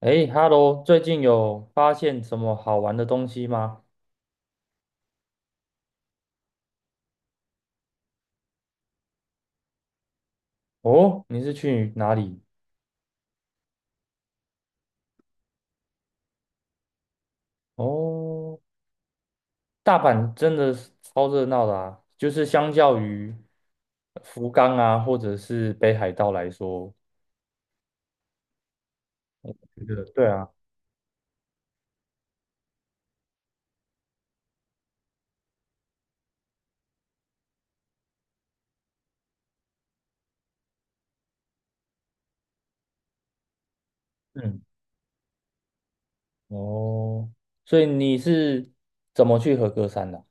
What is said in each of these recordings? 诶，Hello，最近有发现什么好玩的东西吗？哦，你是去哪里？哦，大阪真的是超热闹的啊，就是相较于福冈啊，或者是北海道来说，觉得对啊。嗯，哦，所以你是怎么去和歌山的？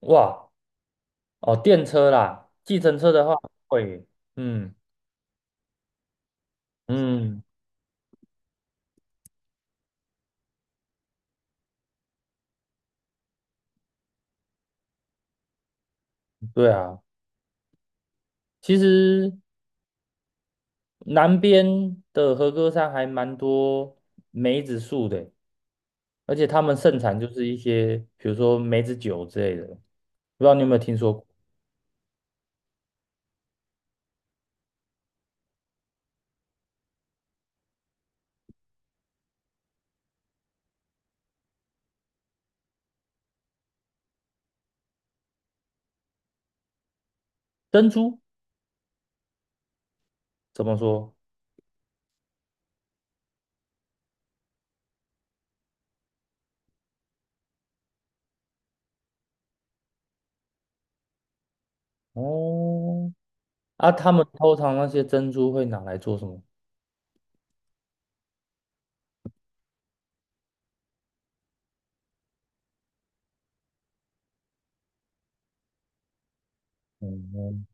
哇，哦，电车啦，计程车的话会，嗯嗯，对啊，其实。南边的和歌山还蛮多梅子树的，而且他们盛产就是一些，比如说梅子酒之类的，不知道你有没有听说过？珍珠怎么说？哦，啊，他们通常那些珍珠会拿来做什么？嗯，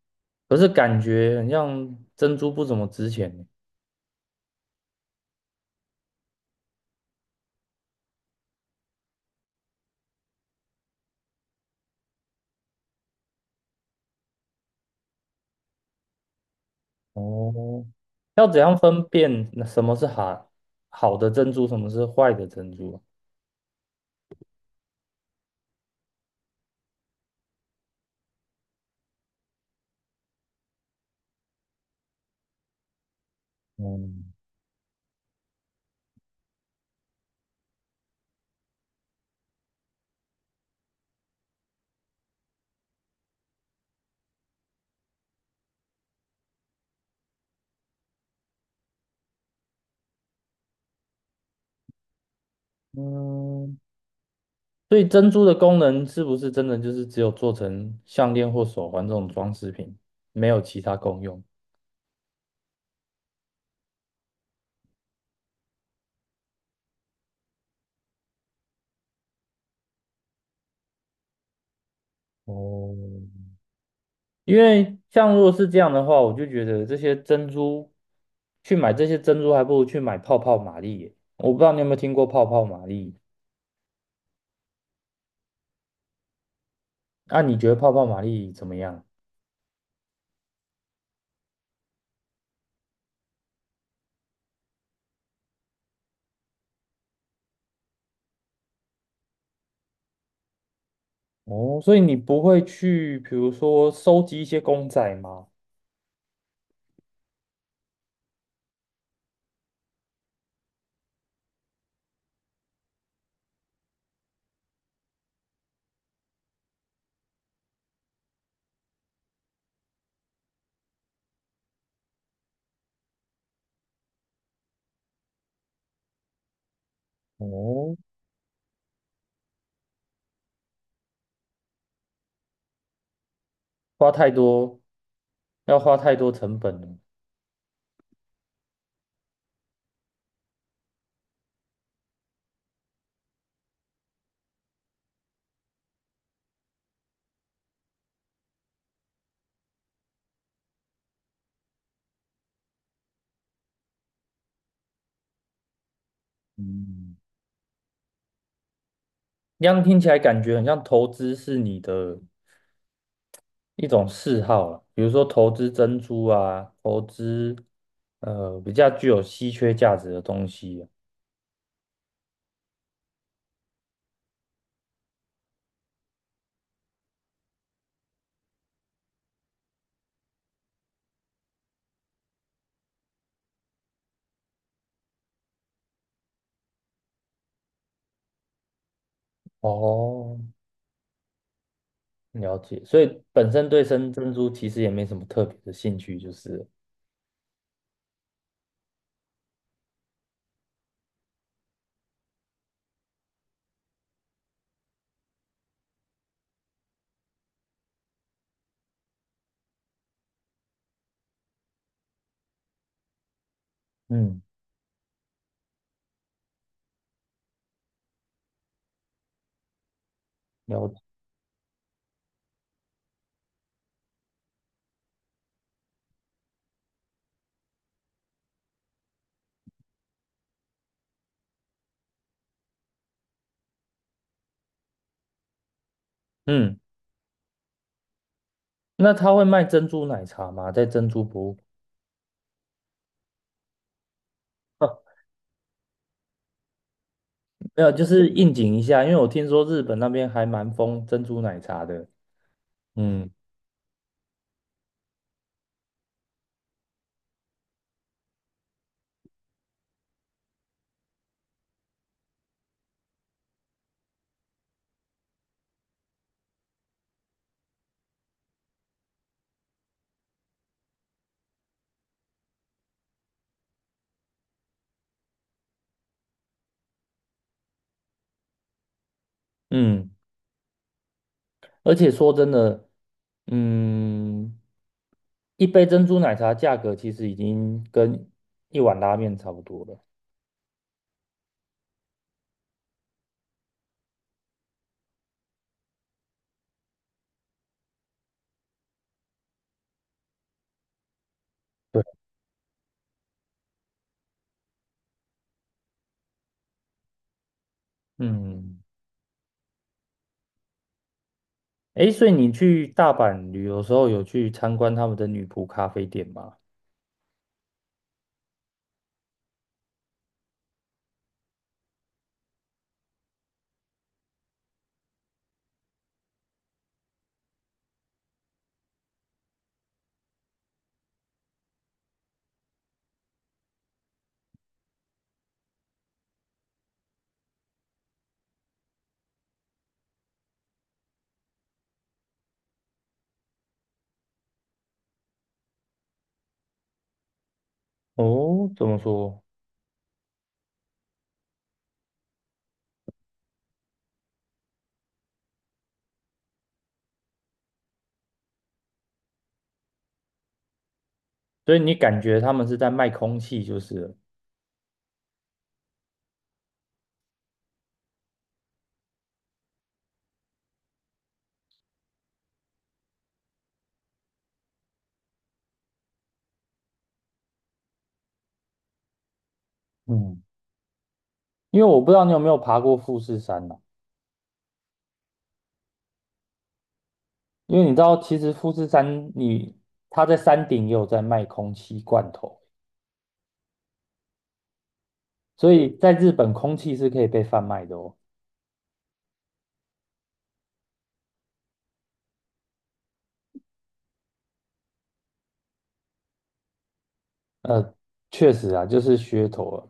可是感觉很像珍珠不怎么值钱呢。哦，要怎样分辨那什么是好的珍珠，什么是坏的珍珠啊？嗯嗯，所以珍珠的功能是不是真的就是只有做成项链或手环这种装饰品，没有其他功用？哦，因为像如果是这样的话，我就觉得这些珍珠，还不如去买泡泡玛丽耶。我不知道你有没有听过泡泡玛丽？那你觉得泡泡玛丽怎么样？哦，所以你不会去，比如说收集一些公仔吗？哦，花太多，要花太多成本了。嗯。这样听起来感觉很像投资是你的一种嗜好了，比如说投资珍珠啊，投资比较具有稀缺价值的东西啊。哦，了解。所以本身对生珍珠其实也没什么特别的兴趣，就是了。嗯，了解。嗯，那他会卖珍珠奶茶吗？在珍珠博物馆？啊没有，就是应景一下，因为我听说日本那边还蛮疯珍珠奶茶的。嗯嗯，而且说真的，嗯。一杯珍珠奶茶价格其实已经跟一碗拉面差不多了。对，嗯，诶，所以你去大阪旅游的时候有去参观他们的女仆咖啡店吗？哦，怎么说？所以你感觉他们是在卖空气就是了。嗯，因为我不知道你有没有爬过富士山呐、因为你知道，其实富士山你它在山顶也有在卖空气罐头，所以在日本空气是可以被贩卖的哦。呃，确实啊，就是噱头啊。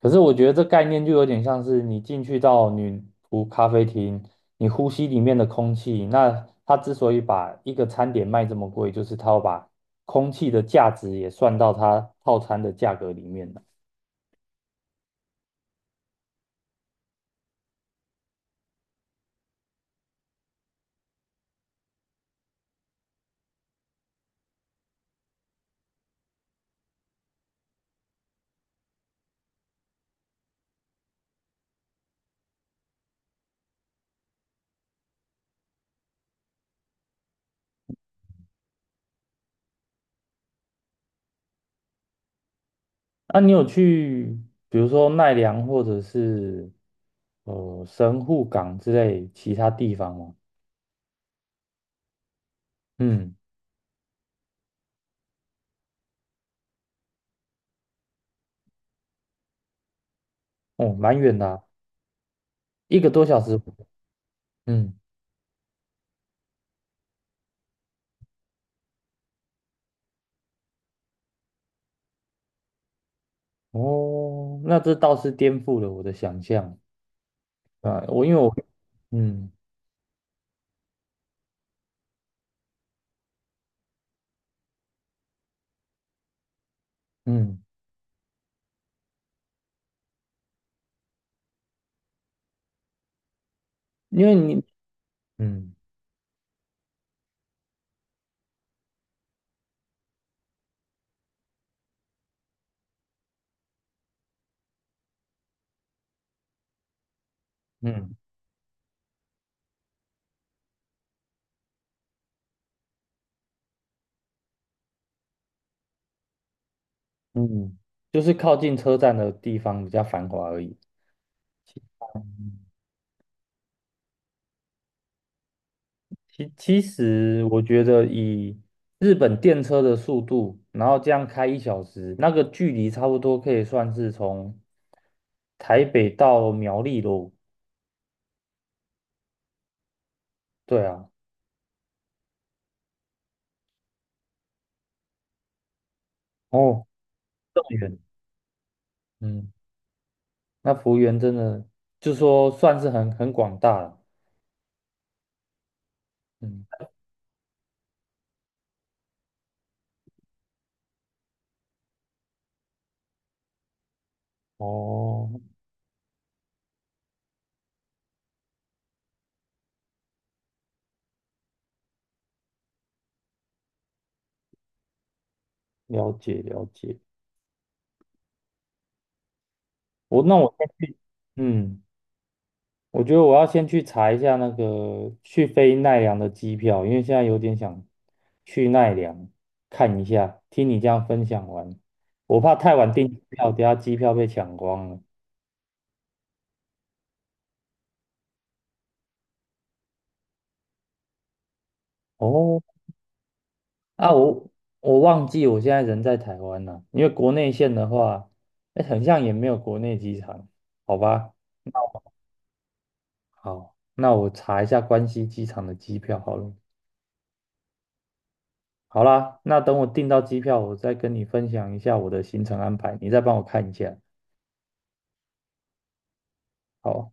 可是我觉得这概念就有点像是你进去到女仆咖啡厅，你呼吸里面的空气。那它之所以把一个餐点卖这么贵，就是它要把空气的价值也算到它套餐的价格里面了。那你有去，比如说奈良或者是神户港之类其他地方吗？嗯，哦，蛮远的啊。一个多小时。嗯，哦，那这倒是颠覆了我的想象。啊，我因为我嗯嗯。因为你嗯嗯嗯就是靠近车站的地方比较繁华而已。嗯，其实我觉得以日本电车的速度，然后这样开一小时，那个距离差不多可以算是从台北到苗栗喽。对啊，哦，这么远。嗯，那幅员真的就说算是很广大了。嗯，哦，了解了解。我那我先去。嗯。我觉得我要先去查一下那个去飞奈良的机票，因为现在有点想去奈良看一下。听你这样分享完，我怕太晚订机票，等下机票被抢光了。哦，啊，我忘记我现在人在台湾了，因为国内线的话，哎，很像也没有国内机场，好吧？好，那我查一下关西机场的机票好了。好啦，那等我订到机票，我再跟你分享一下我的行程安排，你再帮我看一下。好。